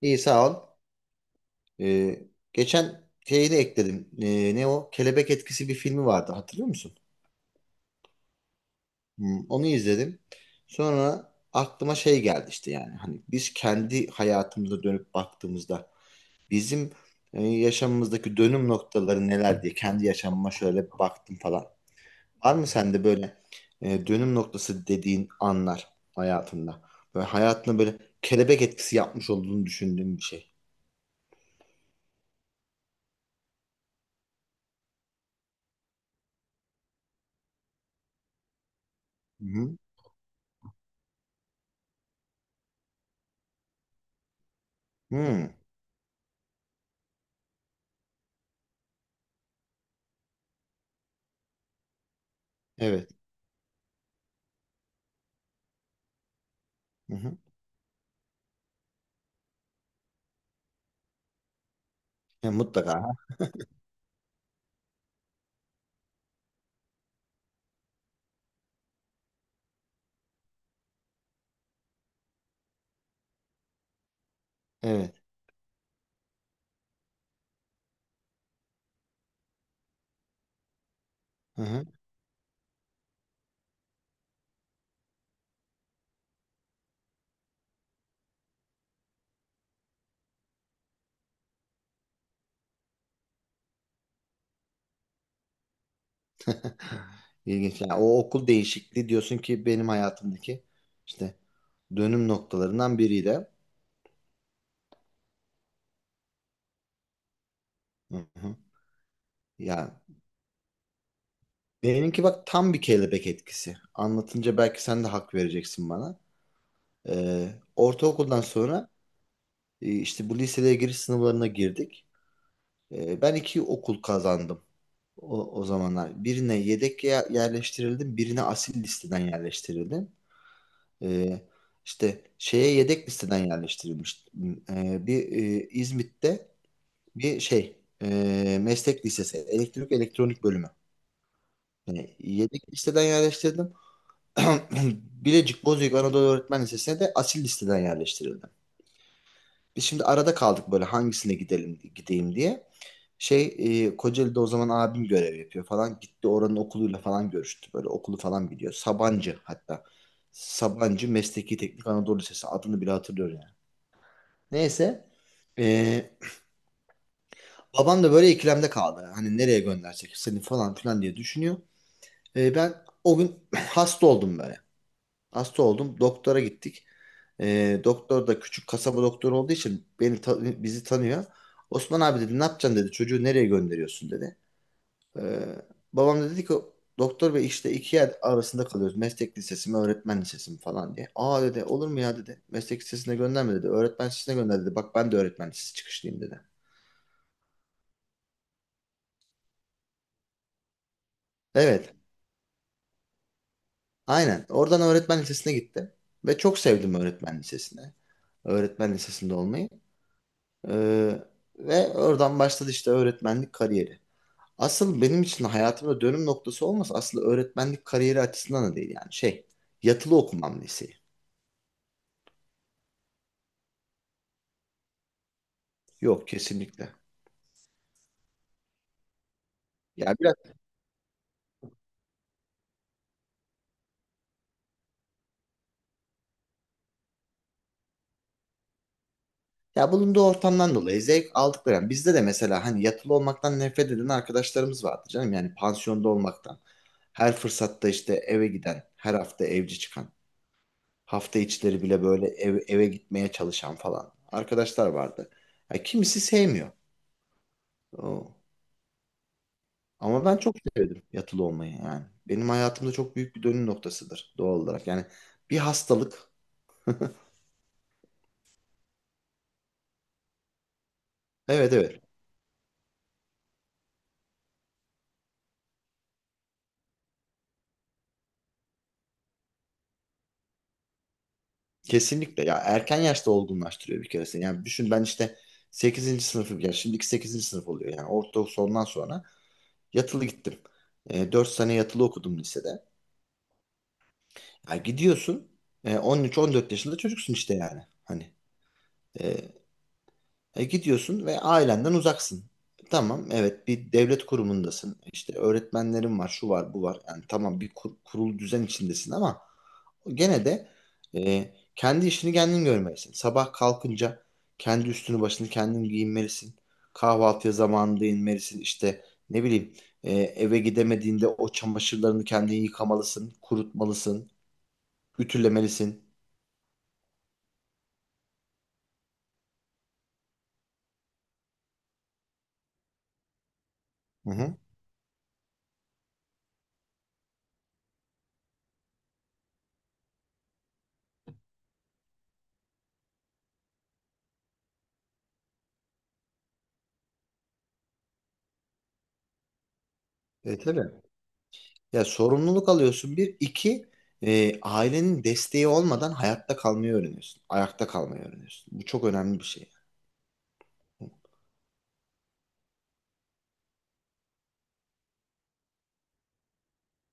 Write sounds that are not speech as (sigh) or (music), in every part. İyi sağ ol. Ee, Geçen şeyi de ekledim. Ne o? Kelebek Etkisi bir filmi vardı, hatırlıyor musun? Hmm, onu izledim. Sonra aklıma şey geldi işte yani. Hani biz kendi hayatımıza dönüp baktığımızda bizim yaşamımızdaki dönüm noktaları neler diye kendi yaşamıma şöyle bir baktım falan. Var mı sende böyle dönüm noktası dediğin anlar hayatında? Böyle hayatına böyle kelebek etkisi yapmış olduğunu düşündüğün bir şey. Hı hı. Hmm, evet. Hı hı. Ya mutlaka. Ha, evet. Hı hı. (laughs) İlginç. Yani o okul değişikliği diyorsun ki benim hayatımdaki işte dönüm noktalarından biriydi. Hı hı. Ya benimki bak tam bir kelebek etkisi. Anlatınca belki sen de hak vereceksin bana. Ee, Ortaokuldan sonra işte bu liseye giriş sınavlarına girdik. Ben iki okul kazandım o zamanlar. Birine yedek yerleştirildim, birine asil listeden yerleştirildim. Ee, işte şeye yedek listeden yerleştirilmiş. Bir İzmit'te bir şey meslek lisesi, elektrik elektronik bölümü. Yani yedek listeden yerleştirdim. (clears throat) Bilecik Bozüyük Anadolu Öğretmen Lisesi'ne de asil listeden yerleştirildim. Biz şimdi arada kaldık böyle hangisine gideyim diye. Şey Kocaeli'de o zaman abim görev yapıyor falan. Gitti oranın okuluyla falan görüştü. Böyle okulu falan biliyor. Sabancı hatta. Sabancı Mesleki Teknik Anadolu Lisesi, adını bile hatırlıyorum. Neyse. Ee, Babam da böyle ikilemde kaldı. Hani nereye göndersek seni falan filan diye düşünüyor. Ben o gün (laughs) (clears throat) hasta oldum böyle. Hasta oldum. Doktora gittik. Doktor da küçük kasaba doktoru olduğu için beni bizi tanıyor. Osman abi dedi, ne yapacaksın dedi. Çocuğu nereye gönderiyorsun dedi. Ee, Babam da dedi ki doktor bey, işte iki yer arasında kalıyoruz. Meslek lisesi mi öğretmen lisesi mi falan diye. Aa dedi, olur mu ya dedi. Meslek lisesine gönderme dedi. Öğretmen lisesine gönder dedi. Bak, ben de öğretmen lisesi çıkışlıyım dedi. Evet. Aynen. Oradan öğretmen lisesine gitti ve çok sevdim öğretmen lisesine. Öğretmen lisesinde olmayı. Ee, Ve oradan başladı işte öğretmenlik kariyeri. Asıl benim için hayatımda dönüm noktası olmasa aslında öğretmenlik kariyeri açısından da değil yani şey. Yatılı okumam liseyi. Yok kesinlikle. Ya biraz, ya bulunduğu ortamdan dolayı zevk aldıkları. Yani bizde de mesela hani yatılı olmaktan nefret eden arkadaşlarımız vardı canım. Yani pansiyonda olmaktan. Her fırsatta işte eve giden, her hafta evci çıkan. Hafta içleri bile böyle eve gitmeye çalışan falan arkadaşlar vardı. Ya kimisi sevmiyor. O. Ama ben çok sevdim yatılı olmayı yani. Benim hayatımda çok büyük bir dönüm noktasıdır doğal olarak. Yani bir hastalık. Evet evet. Kesinlikle. Ya erken yaşta olgunlaştırıyor bir kere seni. Yani düşün, ben işte sekizinci sınıfım, yani şimdiki sekizinci sınıf oluyor. Yani ortaokul sondan sonra yatılı gittim. E, 4 sene yatılı okudum lisede. Ya gidiyorsun 13-14 yaşında çocuksun işte yani. Hani e, gidiyorsun ve ailenden uzaksın. Tamam, evet bir devlet kurumundasın. İşte öğretmenlerin var, şu var, bu var. Yani tamam bir kurul düzen içindesin ama gene de kendi işini kendin görmelisin. Sabah kalkınca kendi üstünü başını kendin giyinmelisin. Kahvaltıya zamanında inmelisin. İşte ne bileyim, eve gidemediğinde o çamaşırlarını kendin yıkamalısın, kurutmalısın, ütülemelisin. Hı hı. E, tabii. Ya sorumluluk alıyorsun bir. İki ailenin desteği olmadan hayatta kalmayı öğreniyorsun. Ayakta kalmayı öğreniyorsun. Bu çok önemli bir şey.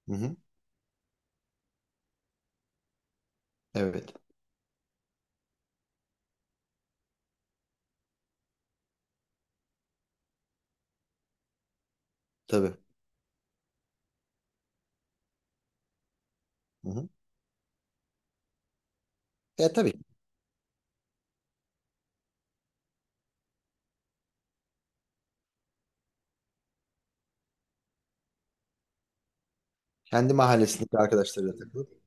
Hı hı. Evet. Tabii. Hı hı. Ya tabii. Kendi mahallesindeki arkadaşlarıyla takılıp.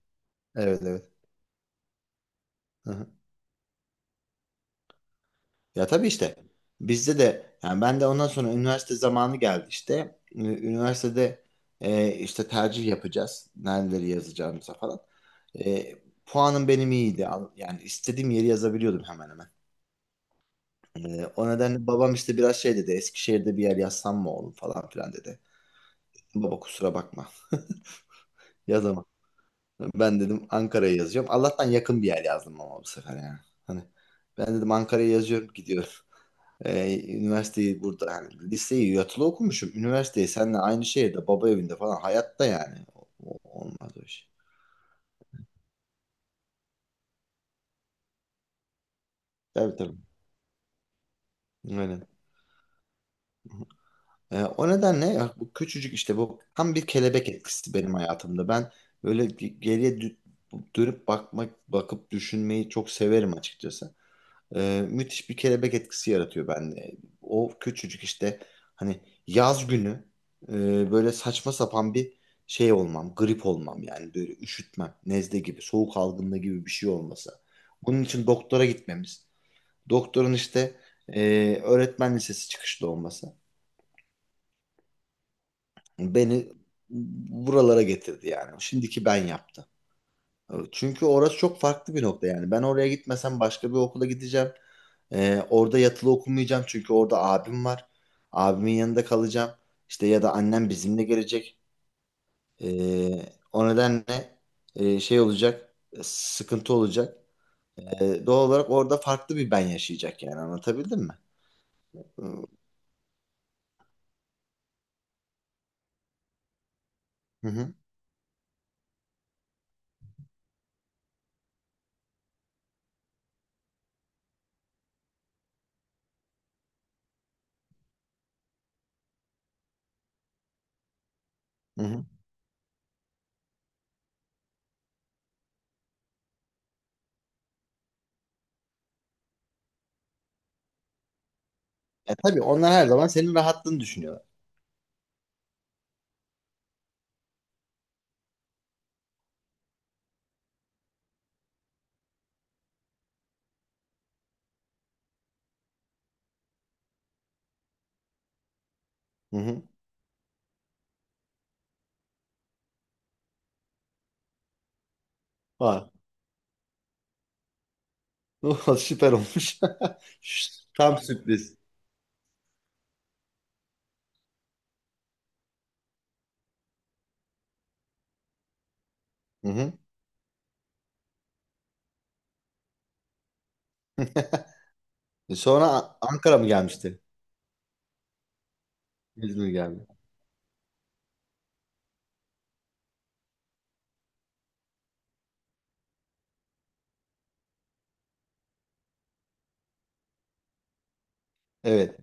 Evet evet. Hı hı. Ya tabii işte. Bizde de yani ben de ondan sonra üniversite zamanı geldi işte. Üniversitede işte tercih yapacağız. Nereleri yazacağımıza falan. E, puanım benim iyiydi. Yani istediğim yeri yazabiliyordum hemen hemen. O nedenle babam işte biraz şey dedi. Eskişehir'de bir yer yazsam mı oğlum falan filan dedi. Baba kusura bakma. (laughs) Yazamam. Ben dedim Ankara'ya yazacağım. Allah'tan yakın bir yer yazdım ama bu sefer yani. Hani ben dedim Ankara'ya yazıyorum, gidiyorum. Üniversiteyi burada yani, liseyi yatılı okumuşum. Üniversiteyi seninle aynı şehirde baba evinde falan, hayatta yani. Olmaz o iş. Tabii tabii. Aynen. O nedenle ya bu küçücük işte, bu tam bir kelebek etkisi benim hayatımda. Ben böyle geriye dönüp bakmak, bakıp düşünmeyi çok severim açıkçası. Müthiş bir kelebek etkisi yaratıyor bende. O küçücük işte hani yaz günü böyle saçma sapan bir şey olmam, grip olmam yani böyle üşütmem, nezle gibi, soğuk algınlığı gibi bir şey olması. Bunun için doktora gitmemiz, doktorun işte e, öğretmen lisesi çıkışlı olması. Beni buralara getirdi yani. Şimdiki ben yaptı. Çünkü orası çok farklı bir nokta yani. Ben oraya gitmesem başka bir okula gideceğim. Orada yatılı okumayacağım çünkü orada abim var. Abimin yanında kalacağım. İşte ya da annem bizimle gelecek. Ee, O nedenle şey olacak, sıkıntı olacak. Doğal olarak orada farklı bir ben yaşayacak yani, anlatabildim mi? Hı hı. Hı hı. E, tabii onlar her zaman senin rahatlığını düşünüyorlar. Hı hı. Var. (laughs) Oh, süper olmuş. (laughs) Şşt, tam sürpriz. Hı hı. (laughs) Sonra Ankara mı gelmişti? İzmir geldi. Evet.